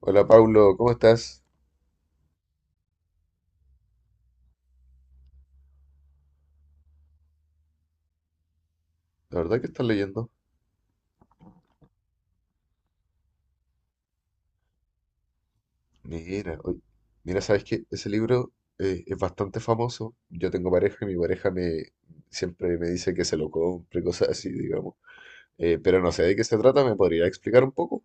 Hola Paulo, ¿cómo estás? La verdad que estás leyendo. Mira, oy- Mira, sabes que ese libro es bastante famoso. Yo tengo pareja y mi pareja me siempre me dice que se lo compre, cosas así, digamos. Pero no sé de qué se trata, ¿me podría explicar un poco?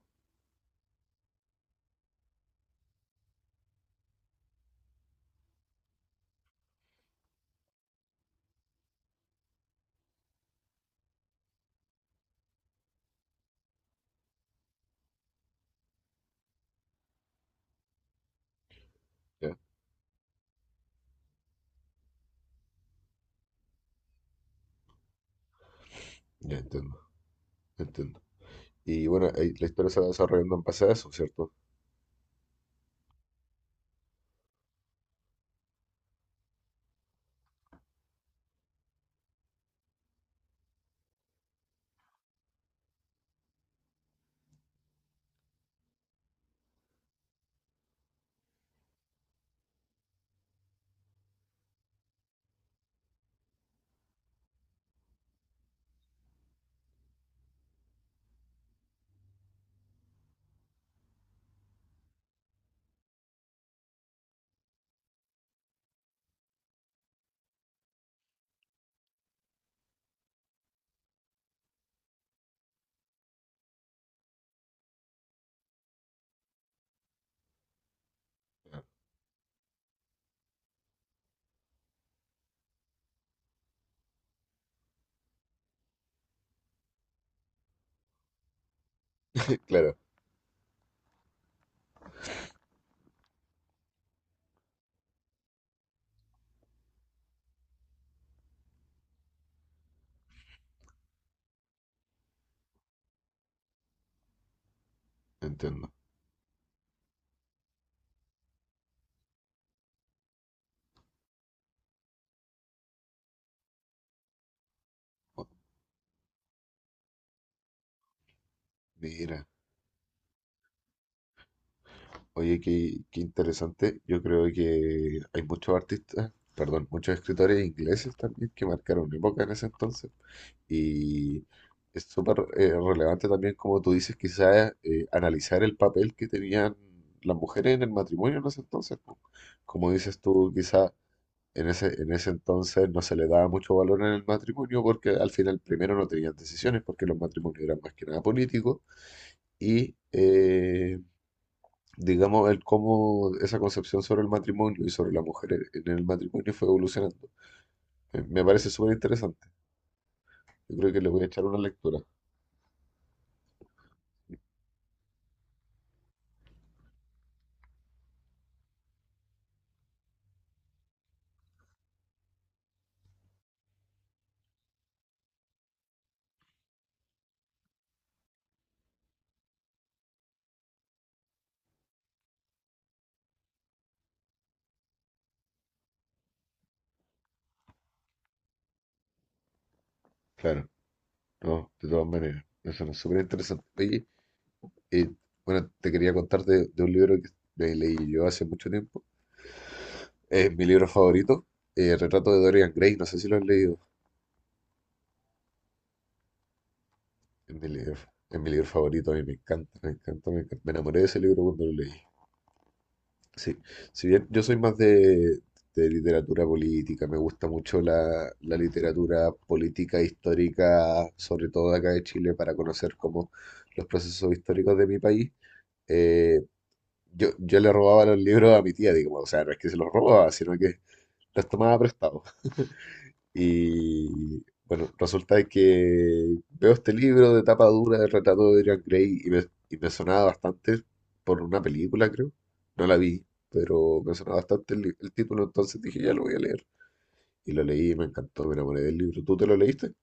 Ya, ya entiendo, entiendo. Y bueno, ahí la historia se va desarrollando en base a eso, ¿cierto? Ya. Claro, entiendo. Oh, mira. Oye, qué, qué interesante. Yo creo que hay muchos artistas, perdón, muchos escritores ingleses también que marcaron época en ese entonces. Y es súper relevante también, como tú dices, quizás analizar el papel que tenían las mujeres en el matrimonio en ese entonces. Po. Como dices tú, quizás en ese entonces no se le daba mucho valor en el matrimonio porque al final primero no tenían decisiones porque los matrimonios eran más que nada políticos y... digamos, el cómo esa concepción sobre el matrimonio y sobre en el matrimonio fue evolucionando. Me parece súper interesante. Yo creo que le voy a echar una lectura. Claro, no, de todas maneras. Eso es súper interesante. Oye, eh, bueno, te quería contar de un libro que leí yo hace mucho tiempo. Es mi libro favorito, Retrato de Dorian Gray. No sé si lo has leído. Es mi libro, es mi libro favorito. A mí me encanta, me encanta, me encanta. Me enamoré de ese libro cuando lo leí. Sí, si bien yo soy más de literatura política, me gusta mucho la literatura política histórica, sobre todo de acá de Chile, para conocer cómo los procesos históricos de mi país. Eh, yo le robaba los libros a mi tía, digamos, o sea, no es que se los robaba, sino que los tomaba prestados. Y bueno, resulta de que veo este libro de tapa dura del retrato de Dorian Gray y me sonaba bastante por una película, creo. No la vi, pero me sonaba bastante el título, entonces dije, ya lo voy a leer. Y lo leí y me encantó, me enamoré del libro. ¿Tú te lo leíste?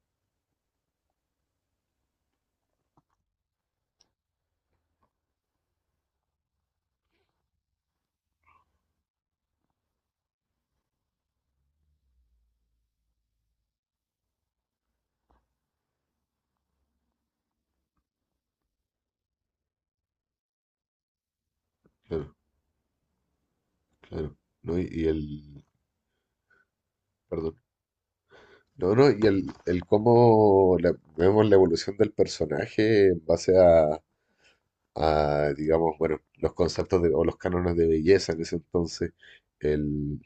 Claro, claro. ¿No? Perdón. No, no, el cómo vemos la evolución del personaje en base a, digamos, bueno, los conceptos de, o los cánones de belleza en ese entonces, el,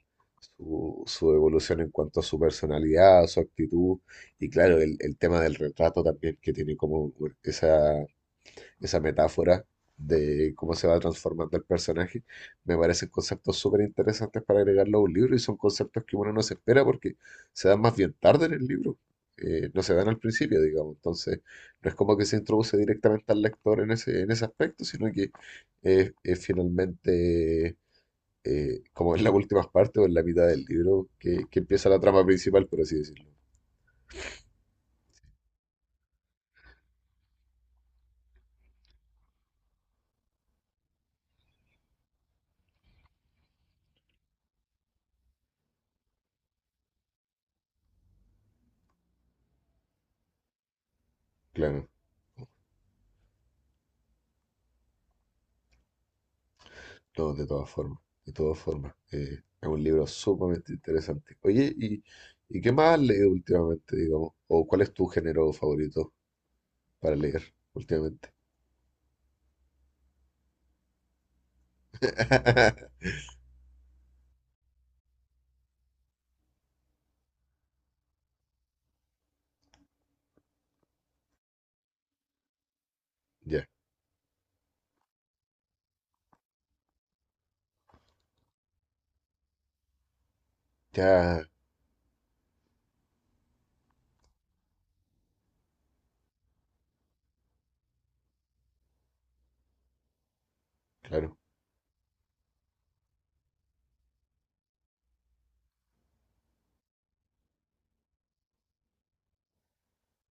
su evolución en cuanto a su personalidad, su actitud, y claro, el tema del retrato también, que tiene como bueno, esa metáfora de cómo se va transformando el personaje, me parecen conceptos súper interesantes para agregarlo a un libro y son conceptos que uno no se espera porque se dan más bien tarde en el libro, no se dan al principio, digamos, entonces no es como que se introduce directamente al lector en ese aspecto, sino que es finalmente como en las últimas partes o en la mitad del libro que empieza la trama principal, por así decirlo. Claro. No, de todas formas, de todas formas. Es un libro sumamente interesante. Oye, ¿ y qué más has leído últimamente, digamos? ¿O cuál es tu género favorito para leer últimamente? Ya, ya, claro,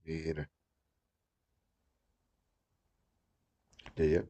mira, ya, ya,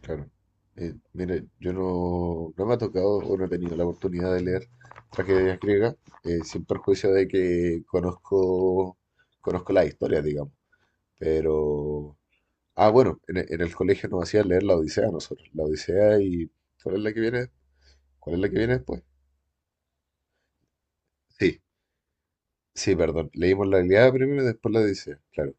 claro. Mira, yo no me ha tocado o no he tenido la oportunidad de leer tragedias griegas, sin perjuicio de que conozco, conozco la historia, digamos, pero... Ah, bueno, en el colegio nos hacían leer la Odisea a nosotros. La Odisea y... ¿Cuál es la que viene? ¿Cuál es la que viene después? Sí, sí, perdón. Leímos la Ilíada primero y después la Odisea, claro.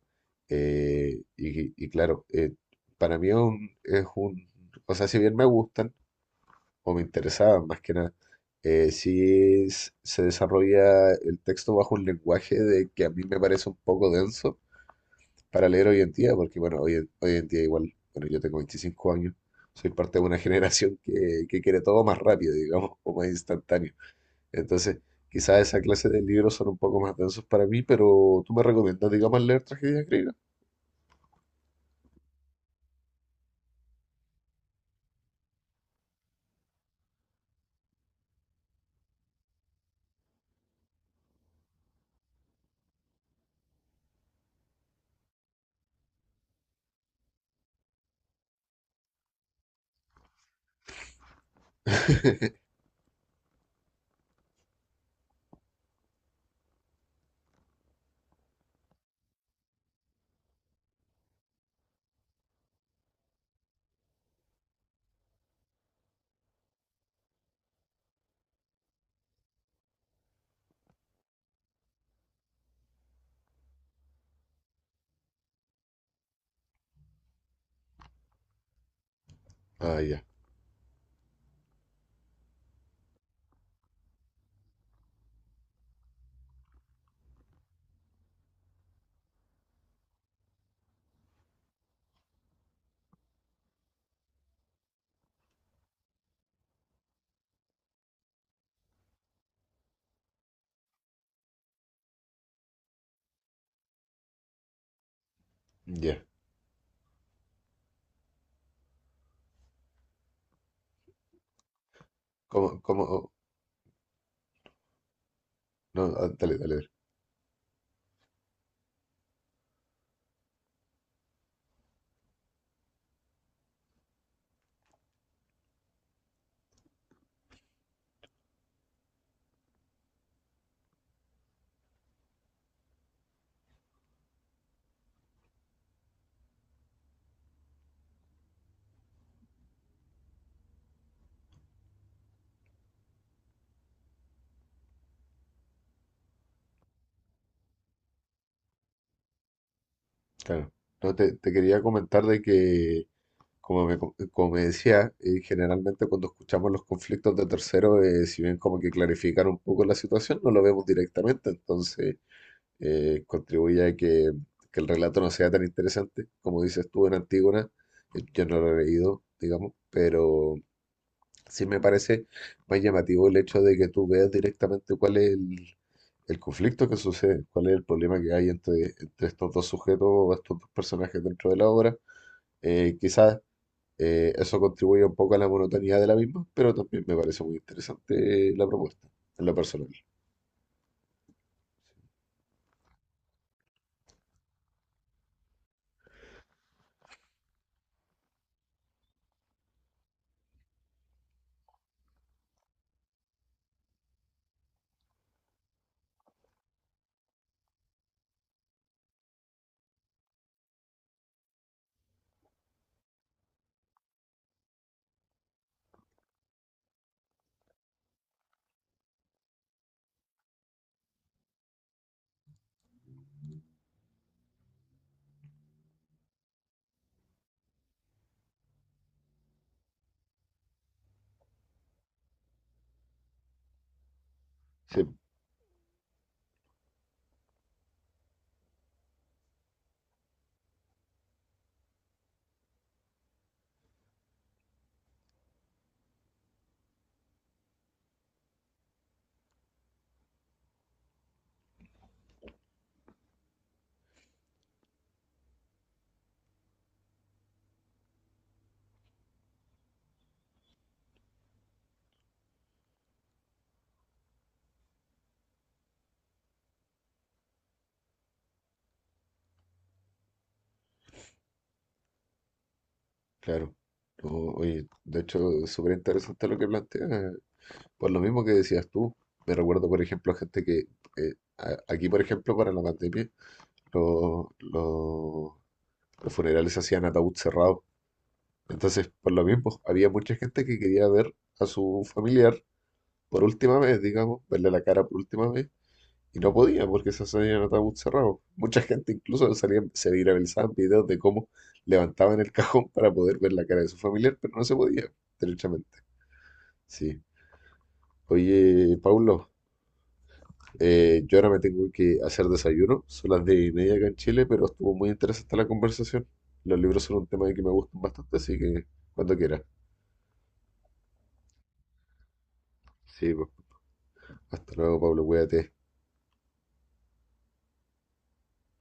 Y claro, para mí es un... O sea, si bien me gustan o me interesaban más que nada, se desarrolla el texto bajo un lenguaje de que a mí me parece un poco denso para leer hoy en día, porque bueno, hoy en día igual, bueno, yo tengo 25 años, soy parte de una generación que quiere todo más rápido, digamos, o más instantáneo. Entonces, quizás esa clase de libros son un poco más densos para mí, pero tú me recomiendas, digamos, leer tragedias griegas. Ah, ya, ya. ¿Cómo, cómo? No, ah, dale, dale, dale. Claro. No, te quería comentar de que como como me decía, generalmente cuando escuchamos los conflictos de terceros, si bien como que clarifican un poco la situación, no lo vemos directamente, entonces contribuye a que el relato no sea tan interesante. Como dices tú en Antígona, yo no lo he leído, digamos, pero sí me parece más llamativo el hecho de que tú veas directamente cuál es el conflicto que sucede, cuál es el problema que hay entre, entre estos dos sujetos o estos dos personajes dentro de la obra. Quizás eso contribuye un poco a la monotonía de la misma, pero también me parece muy interesante la propuesta, en lo personal. Sí, claro. No, oye, de hecho, es súper interesante lo que planteas, por lo mismo que decías tú. Me recuerdo, por ejemplo, gente que, aquí, por ejemplo, para la pandemia, lo- lo- los funerales se hacían ataúd cerrado. Entonces, por lo mismo, había mucha gente que quería ver a su familiar por última vez, digamos, verle la cara por última vez. Y no podía porque se hacían ataúd cerrado. Mucha gente incluso salía, se viralizaban videos de cómo levantaban el cajón para poder ver la cara de su familiar, pero no se podía, derechamente. Sí. Oye, Paulo, yo ahora me tengo que hacer desayuno. Son las 10 y media acá en Chile, pero estuvo muy interesante la conversación. Los libros son un tema que me gustan bastante, así que cuando quieras. Sí, pues. Hasta luego, Pablo, cuídate.